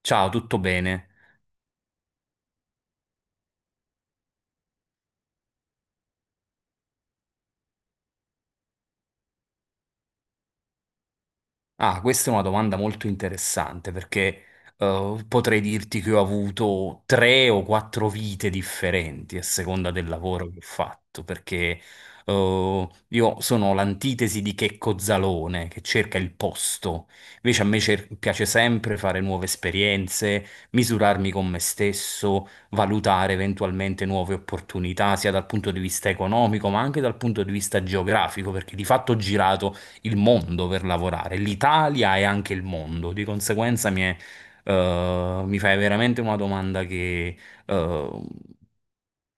Ciao, tutto bene? Ah, questa è una domanda molto interessante perché potrei dirti che ho avuto 3 o 4 vite differenti a seconda del lavoro che ho fatto, perché io sono l'antitesi di Checco Zalone che cerca il posto, invece a me piace sempre fare nuove esperienze, misurarmi con me stesso, valutare eventualmente nuove opportunità, sia dal punto di vista economico, ma anche dal punto di vista geografico, perché di fatto ho girato il mondo per lavorare, l'Italia e anche il mondo. Di conseguenza mi fai veramente una domanda che eh,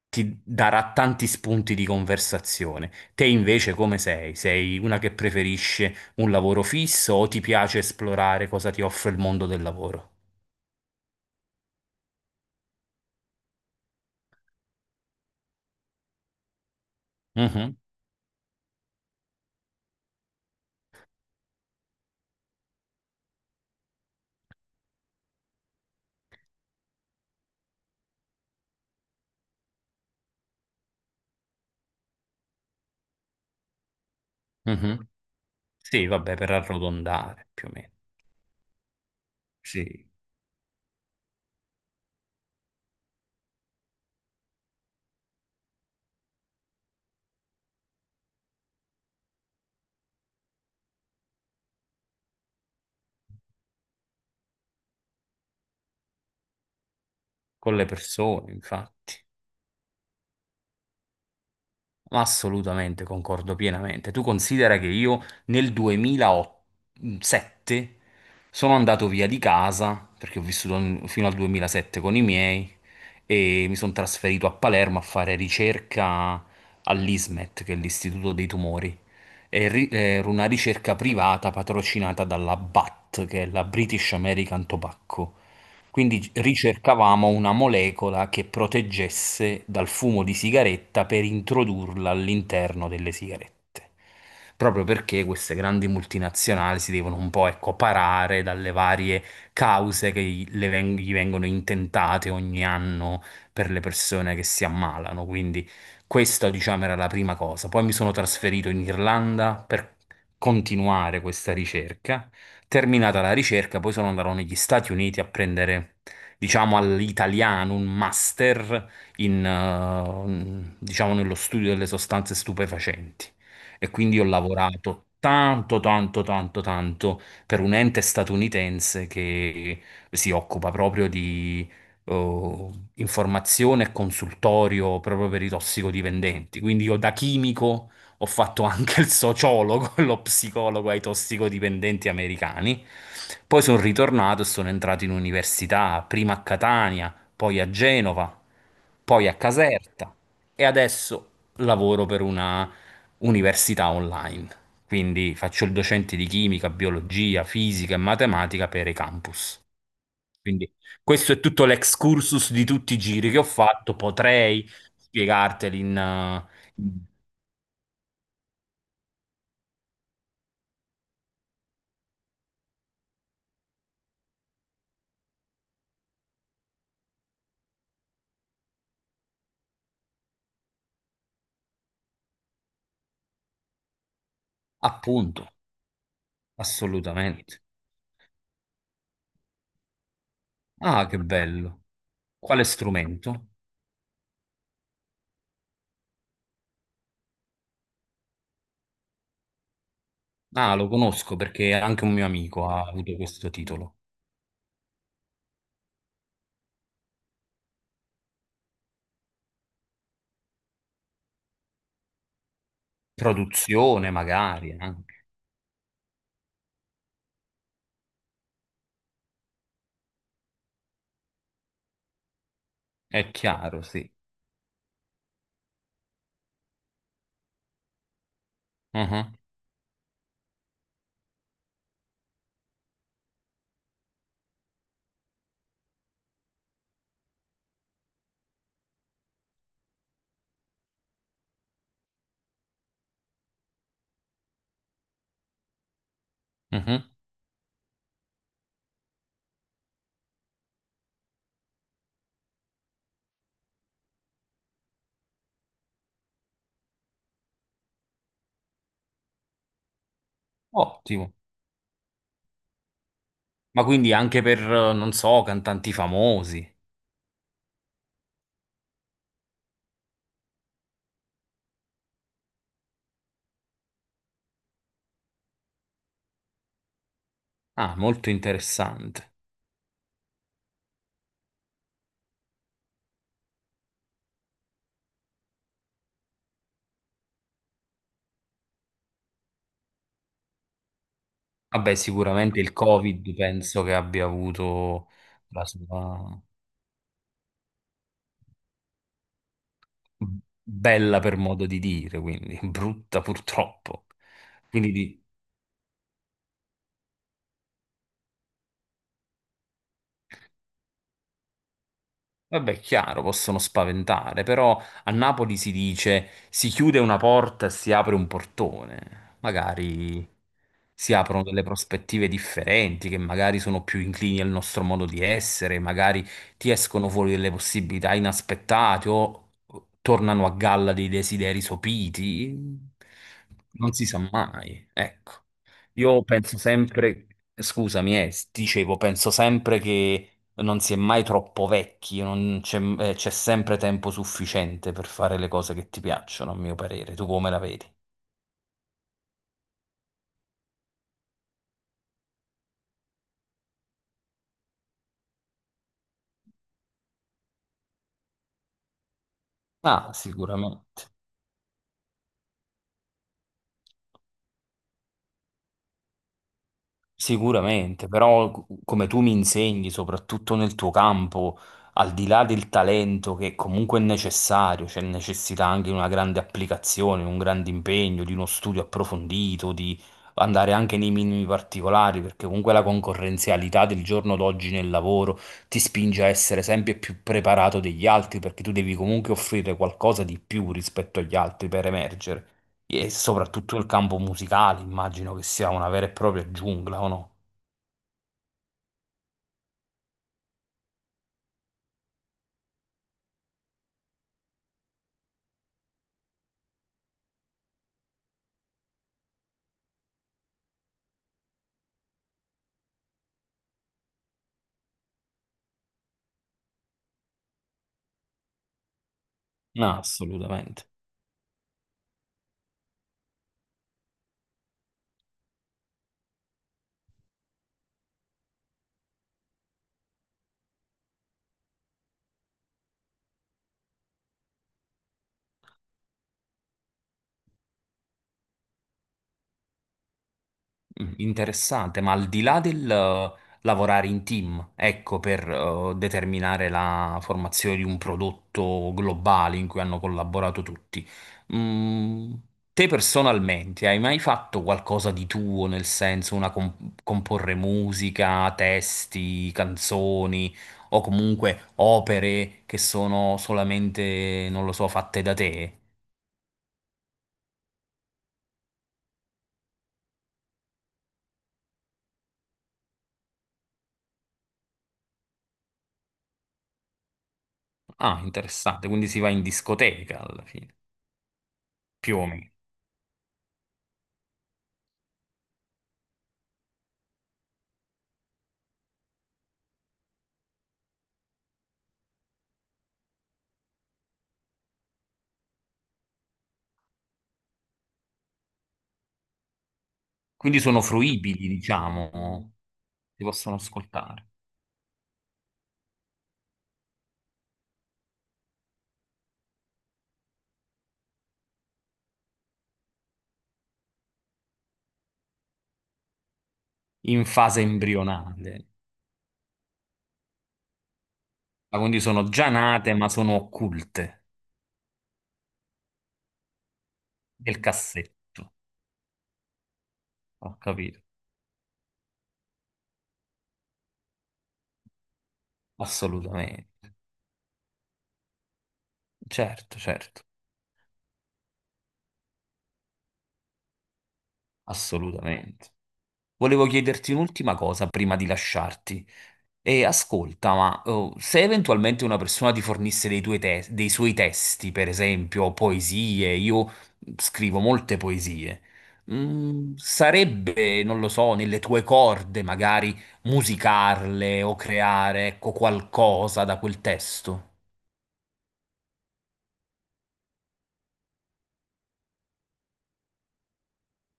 ti darà tanti spunti di conversazione. Te invece come sei? Sei una che preferisce un lavoro fisso o ti piace esplorare cosa ti offre il mondo del lavoro? Mhm, mhm. Sì, vabbè, per arrotondare più o meno. Sì, con le persone, infatti. Assolutamente, concordo pienamente. Tu considera che io nel 2007 sono andato via di casa, perché ho vissuto fino al 2007 con i miei, e mi sono trasferito a Palermo a fare ricerca all'ISMET, che è l'Istituto dei Tumori. Era una ricerca privata patrocinata dalla BAT, che è la British American Tobacco. Quindi ricercavamo una molecola che proteggesse dal fumo di sigaretta per introdurla all'interno delle sigarette. Proprio perché queste grandi multinazionali si devono un po', ecco, parare dalle varie cause che gli vengono intentate ogni anno per le persone che si ammalano. Quindi questa, diciamo, era la prima cosa. Poi mi sono trasferito in Irlanda per continuare questa ricerca. Terminata la ricerca, poi sono andato negli Stati Uniti a prendere, diciamo, all'italiano un master in, diciamo, nello studio delle sostanze stupefacenti. E quindi ho lavorato tanto, tanto, tanto, tanto per un ente statunitense che si occupa proprio di eh, informazione e consultorio proprio per i tossicodipendenti. Quindi io da chimico ho fatto anche il sociologo, lo psicologo ai tossicodipendenti americani. Poi sono ritornato e sono entrato in università, prima a Catania, poi a Genova, poi a Caserta e adesso lavoro per una università online. Quindi faccio il docente di chimica, biologia, fisica e matematica per i campus. Quindi questo è tutto l'excursus di tutti i giri che ho fatto, potrei spiegarteli in in- appunto. Assolutamente. Ah, che bello. Quale strumento? Ah, lo conosco perché anche un mio amico ha avuto questo titolo. Produzione, magari, anche. È chiaro, sì. Mhm, mhm. Ottimo. Ma quindi anche per, non so, cantanti famosi. Ah, molto interessante. Vabbè, sicuramente il Covid penso che abbia avuto la sua bella, per modo di dire, quindi brutta purtroppo. Quindi di- Vabbè, chiaro, possono spaventare, però a Napoli si dice si chiude una porta e si apre un portone. Magari si aprono delle prospettive differenti che magari sono più inclini al nostro modo di essere, magari ti escono fuori delle possibilità inaspettate o tornano a galla dei desideri sopiti. Non si sa mai, ecco. Io penso sempre, scusami, dicevo, penso sempre che non si è mai troppo vecchi, non c'è c'è sempre tempo sufficiente per fare le cose che ti piacciono, a mio parere. Tu come la vedi? Ah, sicuramente. Sicuramente, però come tu mi insegni, soprattutto nel tuo campo, al di là del talento che comunque è necessario, c'è necessità anche di una grande applicazione, un grande impegno, di uno studio approfondito, di andare anche nei minimi particolari, perché comunque la concorrenzialità del giorno d'oggi nel lavoro ti spinge a essere sempre più preparato degli altri, perché tu devi comunque offrire qualcosa di più rispetto agli altri per emergere. E soprattutto il campo musicale, immagino che sia una vera e propria giungla, o no? No, assolutamente. Mm, interessante, ma al di là del lavorare in team, ecco, per determinare la formazione di un prodotto globale in cui hanno collaborato tutti, mm, te personalmente hai mai fatto qualcosa di tuo, nel senso una comporre musica, testi, canzoni o comunque opere che sono solamente, non lo so, fatte da te? Ah, interessante, quindi si va in discoteca alla fine, più o meno. Quindi sono fruibili, diciamo, si possono ascoltare in fase embrionale. Ah, quindi sono già nate, ma sono occulte nel cassetto. Ho capito. Assolutamente. Certo, certo, assolutamente. Volevo chiederti un'ultima cosa prima di lasciarti. E ascolta, ma oh, se eventualmente una persona ti fornisse dei, dei suoi testi, per esempio poesie, io scrivo molte poesie, mm, sarebbe, non lo so, nelle tue corde magari musicarle o creare, ecco, qualcosa da quel testo?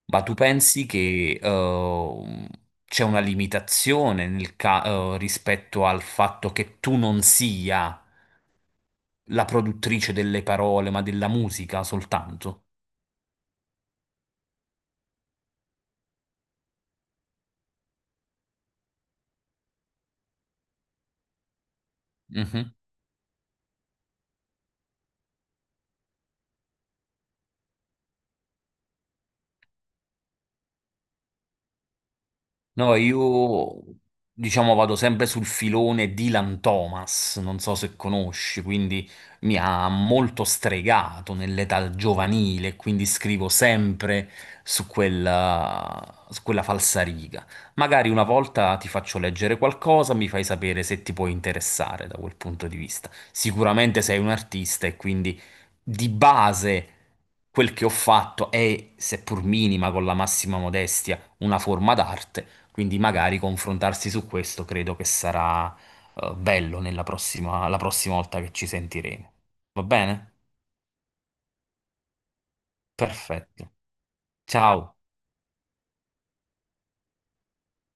Ma tu pensi che c'è una limitazione nel rispetto al fatto che tu non sia la produttrice delle parole, ma della musica soltanto? Mh-mh. No, io diciamo vado sempre sul filone Dylan Thomas, non so se conosci, quindi mi ha molto stregato nell'età giovanile, quindi scrivo sempre su quella falsariga. Magari una volta ti faccio leggere qualcosa, mi fai sapere se ti può interessare da quel punto di vista. Sicuramente sei un artista e quindi di base quel che ho fatto è, seppur minima, con la massima modestia, una forma d'arte, quindi magari confrontarsi su questo credo che sarà bello nella prossima, la prossima volta che ci sentiremo. Va bene? Perfetto. Ciao.